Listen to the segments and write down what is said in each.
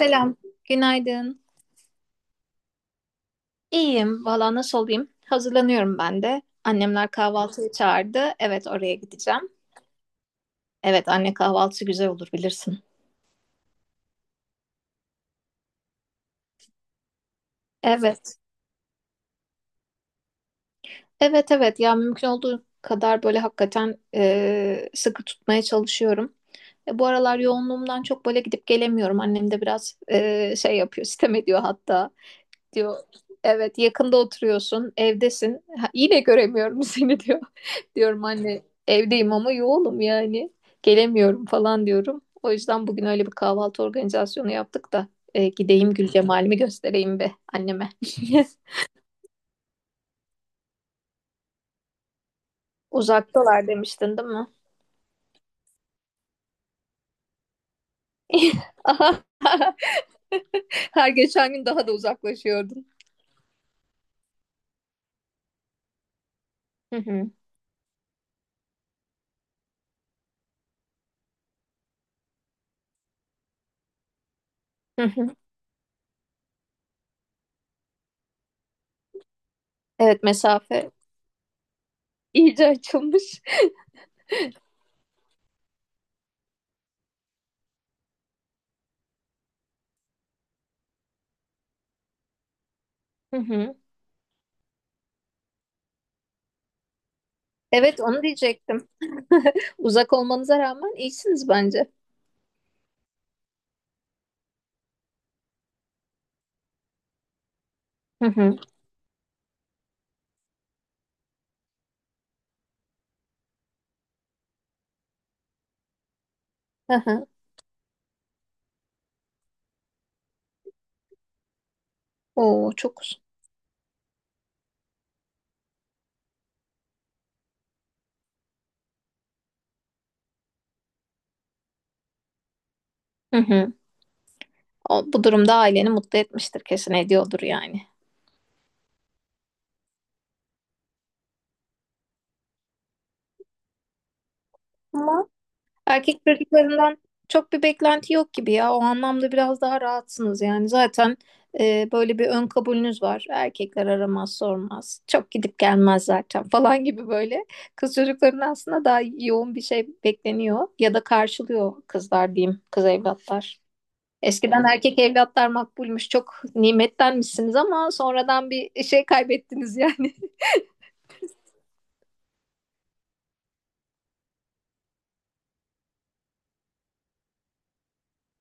Selam, günaydın. İyiyim, valla nasıl olayım? Hazırlanıyorum ben de. Annemler kahvaltıya çağırdı. Evet, oraya gideceğim. Evet, anne kahvaltısı güzel olur bilirsin. Evet, evet, evet. Ya mümkün olduğu kadar böyle hakikaten sıkı tutmaya çalışıyorum. Bu aralar yoğunluğumdan çok böyle gidip gelemiyorum. Annem de biraz şey yapıyor, sitem ediyor hatta. Diyor. Evet, yakında oturuyorsun, evdesin. Ha, yine göremiyorum seni, diyor. Diyorum anne, evdeyim ama yoğunum yani. Gelemiyorum falan diyorum. O yüzden bugün öyle bir kahvaltı organizasyonu yaptık da gideyim Gül Cemal'imi göstereyim be anneme. Uzaktalar demiştin değil mi? Aha. Her geçen gün daha da uzaklaşıyordun. Hı hı, hı hı. Evet, mesafe iyice açılmış. Hı hı. Evet, onu diyecektim. Uzak olmanıza rağmen iyisiniz bence. Hı hı. Hı hı. Oo, çok uzun. Hı hı. O, bu durumda aileni mutlu etmiştir kesin, ediyordur yani. Ama erkek çocuklarından çok bir beklenti yok gibi ya. O anlamda biraz daha rahatsınız yani. Zaten böyle bir ön kabulünüz var. Erkekler aramaz, sormaz. Çok gidip gelmez zaten falan gibi böyle. Kız çocuklarının aslında daha yoğun bir şey bekleniyor. Ya da karşılıyor kızlar diyeyim. Kız evlatlar. Eskiden erkek evlatlar makbulmuş, çok nimettenmişsiniz ama sonradan bir şey kaybettiniz yani.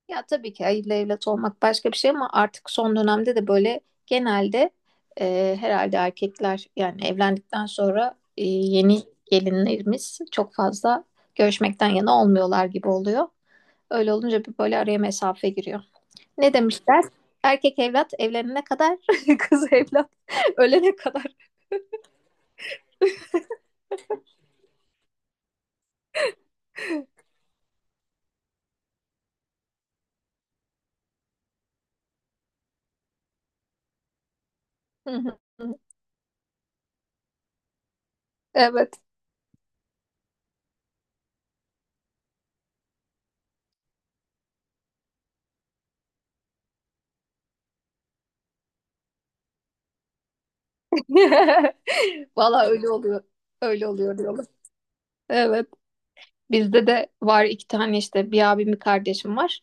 Ya tabii ki hayırlı evlat olmak başka bir şey ama artık son dönemde de böyle genelde herhalde erkekler yani evlendikten sonra yeni gelinlerimiz çok fazla görüşmekten yana olmuyorlar gibi oluyor. Öyle olunca bir böyle araya mesafe giriyor. Ne demişler? Erkek evlat evlenene kadar, kız evlat ölene kadar. Evet. Valla öyle oluyor. Öyle oluyor diyorlar. Evet. Bizde de var, iki tane işte, bir abim bir kardeşim var.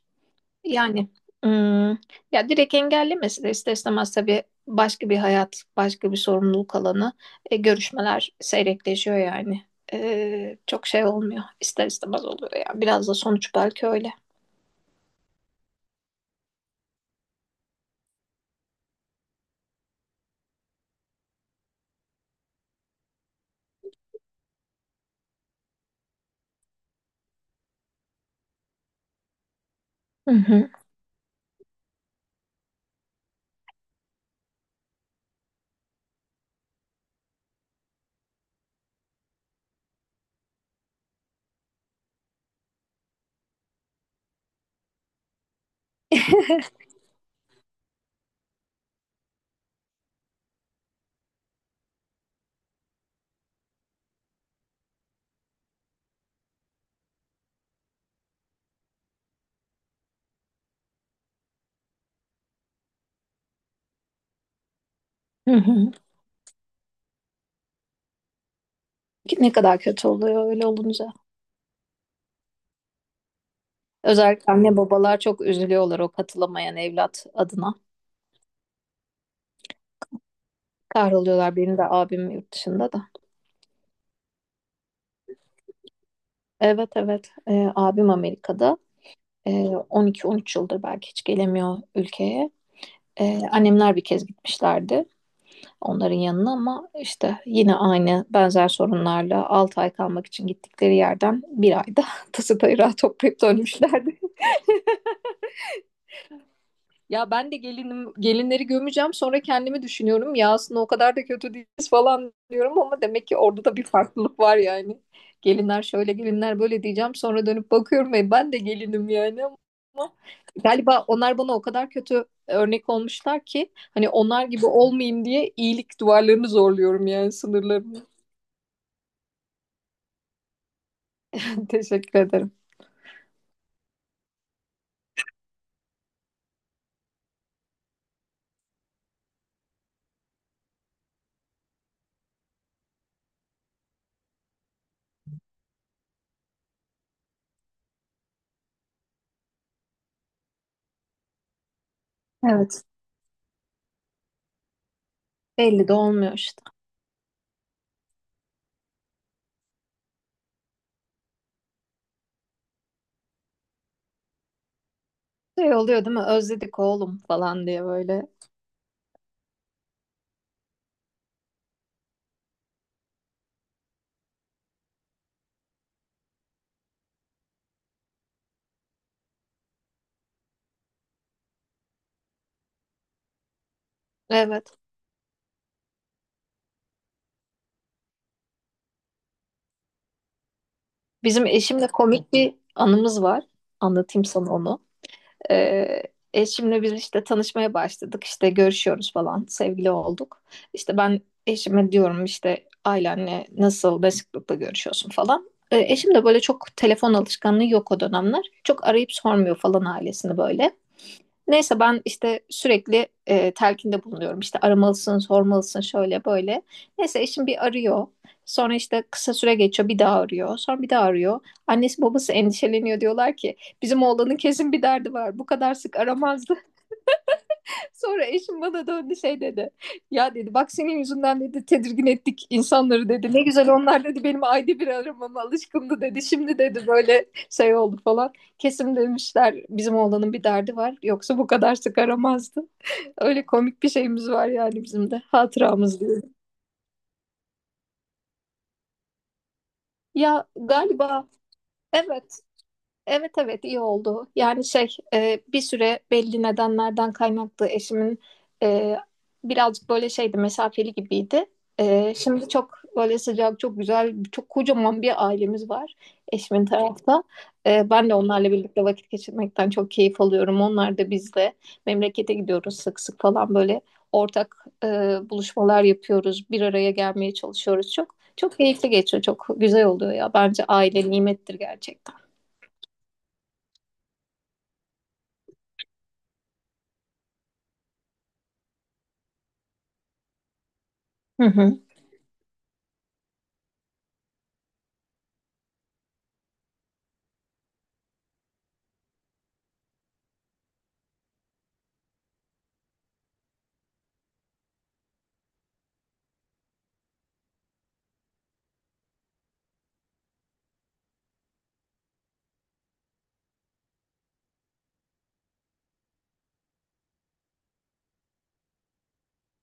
Yani hmm, ya direkt engellemesi de ister istemez tabii, başka bir hayat, başka bir sorumluluk alanı. Görüşmeler seyrekleşiyor yani. Çok şey olmuyor. İster istemez oluyor yani. Biraz da sonuç belki öyle. Hı hı, hı hı. Ne kadar kötü oluyor öyle olunca. Özellikle anne babalar çok üzülüyorlar o katılamayan evlat adına. Kahroluyorlar, benim de abim yurt dışında da. Evet, evet. Abim Amerika'da. Ee, 12-13 yıldır belki hiç gelemiyor ülkeye. Annemler bir kez gitmişlerdi onların yanına ama işte yine aynı benzer sorunlarla 6 ay kalmak için gittikleri yerden bir ayda tası tarağı toplayıp dönmüşlerdi. Ya ben de gelinim, gelinleri gömeceğim, sonra kendimi düşünüyorum. Ya aslında o kadar da kötü değiliz falan diyorum ama demek ki orada da bir farklılık var yani. Gelinler şöyle, gelinler böyle diyeceğim, sonra dönüp bakıyorum ve ben de gelinim yani, ama galiba onlar bana o kadar kötü örnek olmuşlar ki hani onlar gibi olmayayım diye iyilik duvarlarını zorluyorum yani, sınırlarını. Teşekkür ederim. Evet. Belli de olmuyor işte. Şey oluyor değil mi? Özledik oğlum falan diye böyle. Evet. Bizim eşimle komik bir anımız var. Anlatayım sana onu. Ee, eşimle biz işte tanışmaya başladık. İşte görüşüyoruz falan. Sevgili olduk. İşte ben eşime diyorum, işte ailenle nasıl, ne sıklıkla görüşüyorsun falan. Eşim de böyle çok telefon alışkanlığı yok o dönemler. Çok arayıp sormuyor falan ailesini böyle. Neyse ben işte sürekli telkinde bulunuyorum. İşte aramalısın, sormalısın, şöyle böyle. Neyse eşim bir arıyor. Sonra işte kısa süre geçiyor, bir daha arıyor. Sonra bir daha arıyor. Annesi babası endişeleniyor, diyorlar ki bizim oğlanın kesin bir derdi var. Bu kadar sık aramazdı. Sonra eşim bana döndü, şey dedi. Ya dedi, bak senin yüzünden dedi, tedirgin ettik insanları dedi. Ne güzel, onlar dedi benim ayda bir aramama alışkındı dedi. Şimdi dedi böyle şey oldu falan. Kesin demişler bizim oğlanın bir derdi var. Yoksa bu kadar sık aramazdı. Öyle komik bir şeyimiz var yani, bizim de hatıramız, diyor. Ya galiba, evet. Evet, evet, iyi oldu. Yani şey, bir süre belli nedenlerden kaynaklı eşimin e, birazcık böyle şeydi, mesafeli gibiydi. Şimdi çok böyle sıcak, çok güzel, çok kocaman bir ailemiz var eşimin tarafta. Ben de onlarla birlikte vakit geçirmekten çok keyif alıyorum. Onlar da bizle memlekete gidiyoruz sık sık falan, böyle ortak buluşmalar yapıyoruz. Bir araya gelmeye çalışıyoruz çok. Çok keyifli geçiyor, çok güzel oluyor ya. Bence aile nimettir gerçekten. Hı hı.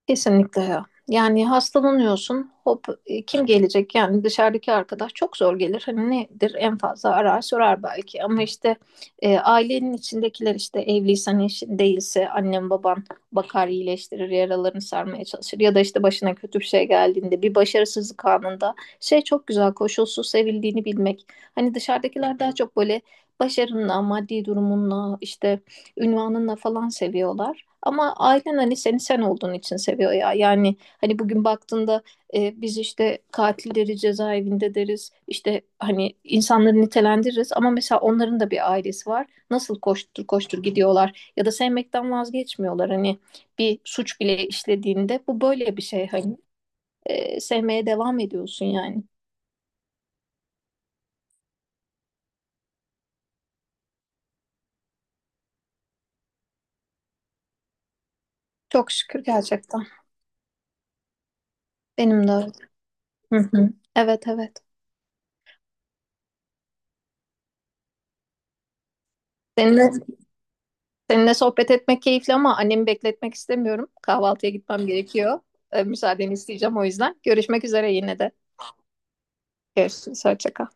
Kesinlikle ya. Yani hastalanıyorsun. Hop, kim gelecek? Yani dışarıdaki arkadaş çok zor gelir. Hani nedir? En fazla arar, sorar belki. Ama işte ailenin içindekiler, işte evliysen eşin, değilse annen baban bakar, iyileştirir, yaralarını sarmaya çalışır. Ya da işte başına kötü bir şey geldiğinde, bir başarısızlık anında, şey, çok güzel koşulsuz sevildiğini bilmek. Hani dışarıdakiler daha çok böyle başarınla, maddi durumunla, işte ünvanınla falan seviyorlar. Ama ailen hani seni sen olduğun için seviyor ya. Yani hani bugün baktığında biz işte katilleri cezaevinde deriz. İşte hani insanları nitelendiririz. Ama mesela onların da bir ailesi var. Nasıl koştur koştur gidiyorlar. Ya da sevmekten vazgeçmiyorlar. Hani bir suç bile işlediğinde bu böyle bir şey. Hani sevmeye devam ediyorsun yani. Çok şükür gerçekten. Benim de öyle. Hı hı. Evet, evet. Senin de- Seninle sohbet etmek keyifli ama annemi bekletmek istemiyorum. Kahvaltıya gitmem gerekiyor. Müsaadeni isteyeceğim o yüzden. Görüşmek üzere yine de. Görüşürüz. Hoşça kal.